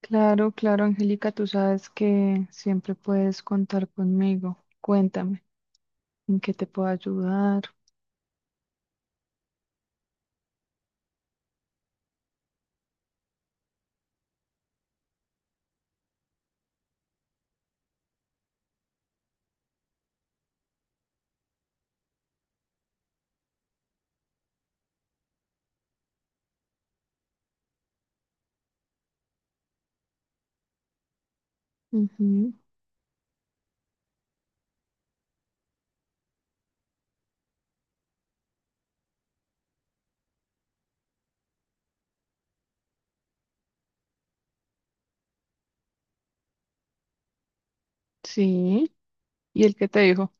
Claro, claro, Angélica, tú sabes que siempre puedes contar conmigo. Cuéntame, ¿en qué te puedo ayudar? Ujú. Sí, ¿y el que te dijo?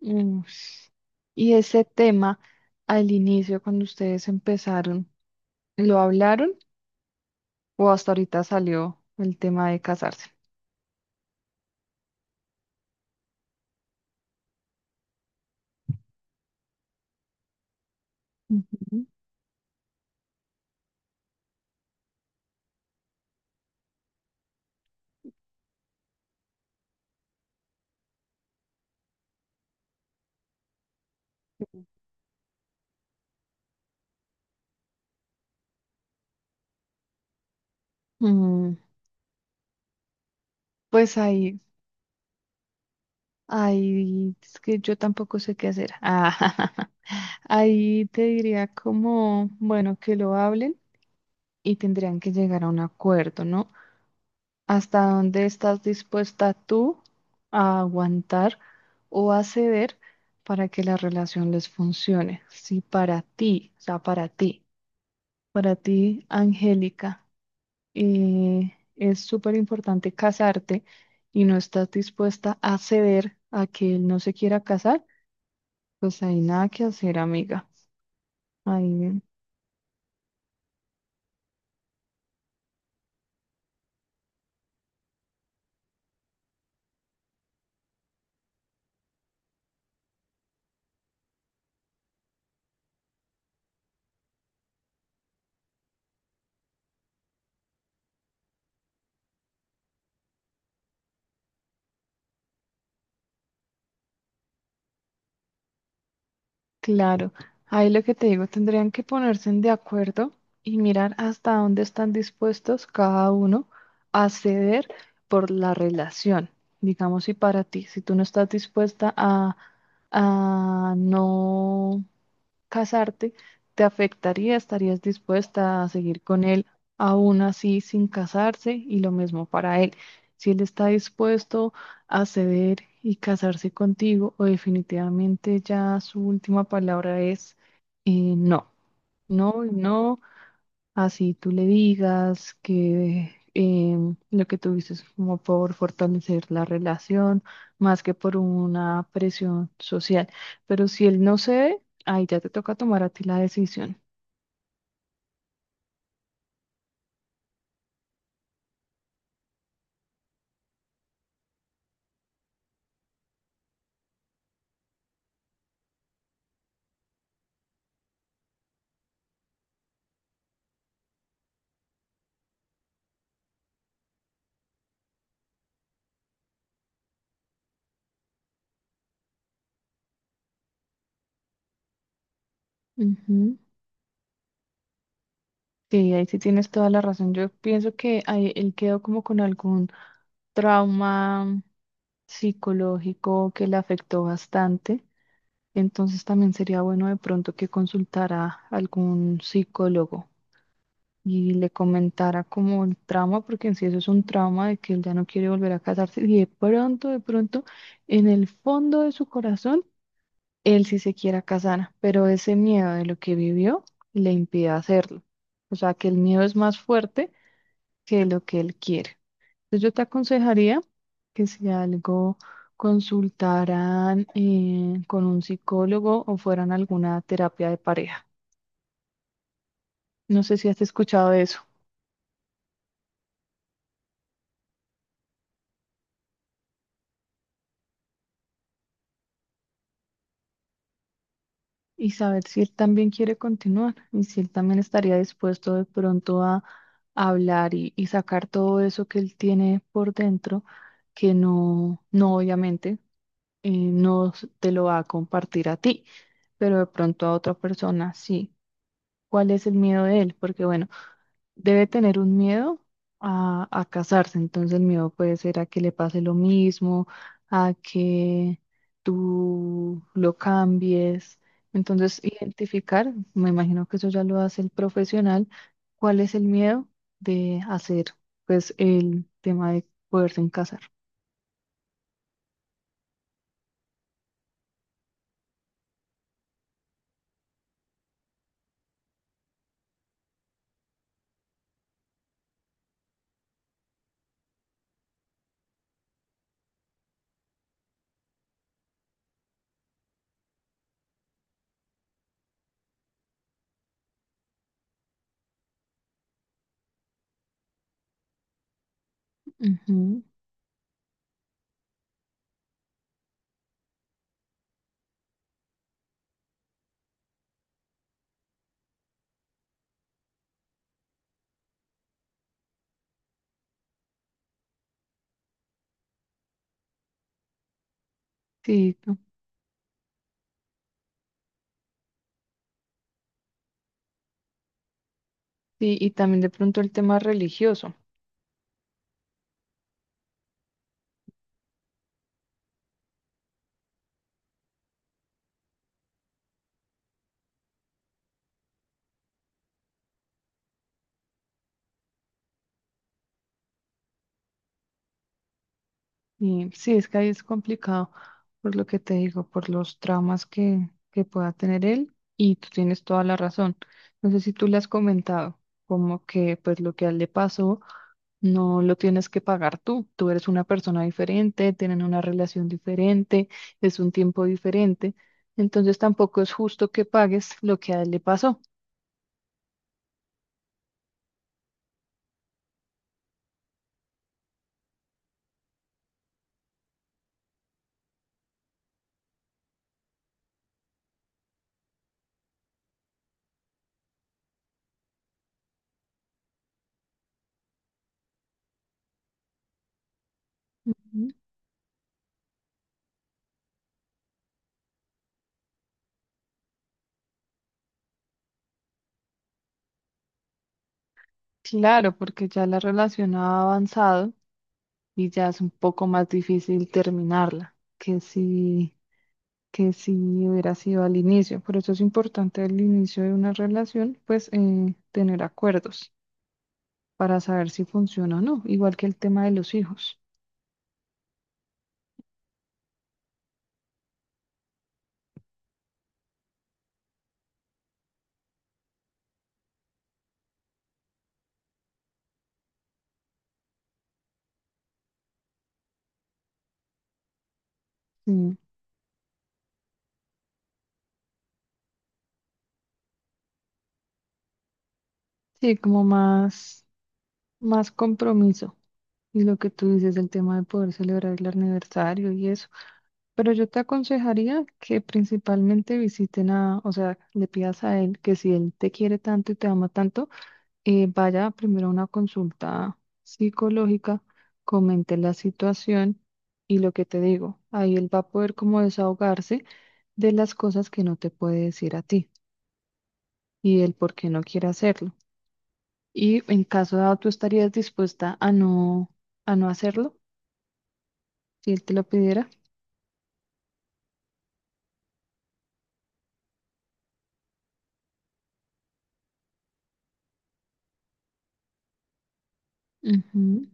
Mm. Y ese tema, al inicio, cuando ustedes empezaron, ¿lo hablaron o hasta ahorita salió el tema de casarse? Ujú. Mm. Pues ahí, es que yo tampoco sé qué hacer. Ah, ahí te diría como, bueno, que lo hablen y tendrían que llegar a un acuerdo, ¿no? ¿Hasta dónde estás dispuesta tú a aguantar o a ceder para que la relación les funcione? Si para ti, o sea, para ti, Angélica, es súper importante casarte y no estás dispuesta a ceder a que él no se quiera casar, pues hay nada que hacer, amiga. Ahí. Claro, ahí lo que te digo, tendrían que ponerse de acuerdo y mirar hasta dónde están dispuestos cada uno a ceder por la relación. Digamos, si para ti, si tú no estás dispuesta a no casarte, ¿te afectaría? ¿Estarías dispuesta a seguir con él aún así sin casarse? Y lo mismo para él. Si él está dispuesto a ceder y casarse contigo, o definitivamente ya su última palabra es no, no y no. Así tú le digas que lo que tuviste es como por fortalecer la relación, más que por una presión social. Pero si él no cede, ahí ya te toca tomar a ti la decisión. Ujú. Sí, ahí sí tienes toda la razón. Yo pienso que ahí él quedó como con algún trauma psicológico que le afectó bastante. Entonces también sería bueno de pronto que consultara a algún psicólogo, y le comentara como el trauma, porque en sí eso es un trauma de que él ya no quiere volver a casarse y de pronto, en el fondo de su corazón, él sí se quiera casar, pero ese miedo de lo que vivió le impide hacerlo. O sea, que el miedo es más fuerte que lo que él quiere. Entonces yo te aconsejaría que si algo consultaran con un psicólogo o fueran a alguna terapia de pareja. No sé si has escuchado de eso. Y saber si él también quiere continuar y si él también estaría dispuesto de pronto a hablar y sacar todo eso que él tiene por dentro, que no, no obviamente no s- te lo va a compartir a ti, pero de pronto a otra persona sí. ¿Cuál es el miedo de él? Porque bueno, debe tener un miedo a casarse, entonces el miedo puede ser a que le pase lo mismo, a que tú lo cambies. Entonces, identificar, me imagino que eso ya lo hace el profesional, cuál es el miedo de hacer, pues, el tema de poderse en casar. Ujú. Sí, no, sí, y también de pronto el tema religioso. Y sí, es que ahí es complicado, por lo que te digo, por los traumas que pueda tener él, y tú tienes toda la razón. No sé si tú le has comentado, como que pues lo que a él le pasó no lo tienes que pagar tú. Tú eres una persona diferente, tienen una relación diferente, es un tiempo diferente, entonces tampoco es justo que pagues lo que a él le pasó. Ujú. Claro, porque ya la relación ha avanzado y ya es un poco más difícil terminarla que si hubiera sido al inicio. Por eso es importante al inicio de una relación, pues tener acuerdos para saber si funciona o no, igual que el tema de los hijos. Sí, sí, como más, más compromiso. Y lo que tú dices, el tema de poder celebrar el aniversario y eso. Pero yo te aconsejaría que principalmente visiten a, o sea, le pidas a él que si él te quiere tanto y te ama tanto, vaya primero a una consulta psicológica, comente la situación y lo que te digo, ahí él va a poder como desahogarse de las cosas que no te puede decir a ti y el por qué no quiere hacerlo. Y en caso dado, ¿tú estarías dispuesta a no hacerlo si él te lo pidiera? Ujú.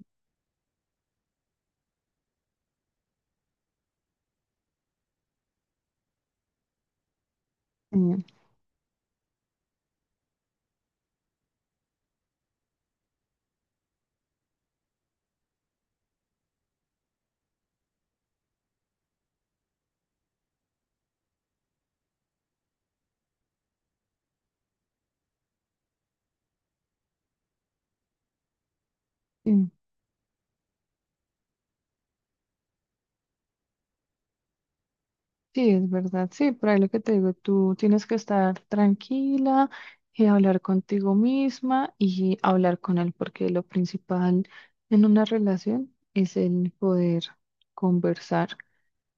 Genial. Sí, es verdad, sí, por ahí lo que te digo, tú tienes que estar tranquila y hablar contigo misma y hablar con él, porque lo principal en una relación es el poder conversar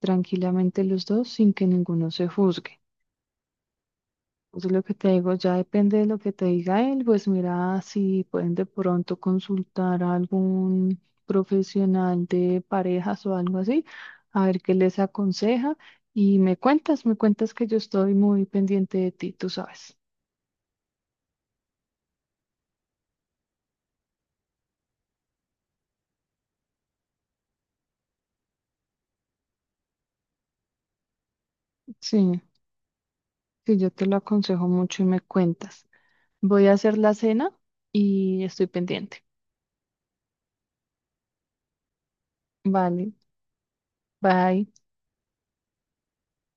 tranquilamente los dos sin que ninguno se juzgue. Entonces lo que te digo, ya depende de lo que te diga él, pues mira si pueden de pronto consultar a algún profesional de parejas o algo así, a ver qué les aconseja y me cuentas que yo estoy muy pendiente de ti, tú sabes. Sí, sí, yo te lo aconsejo mucho y me cuentas. Voy a hacer la cena y estoy pendiente. Vale, bye.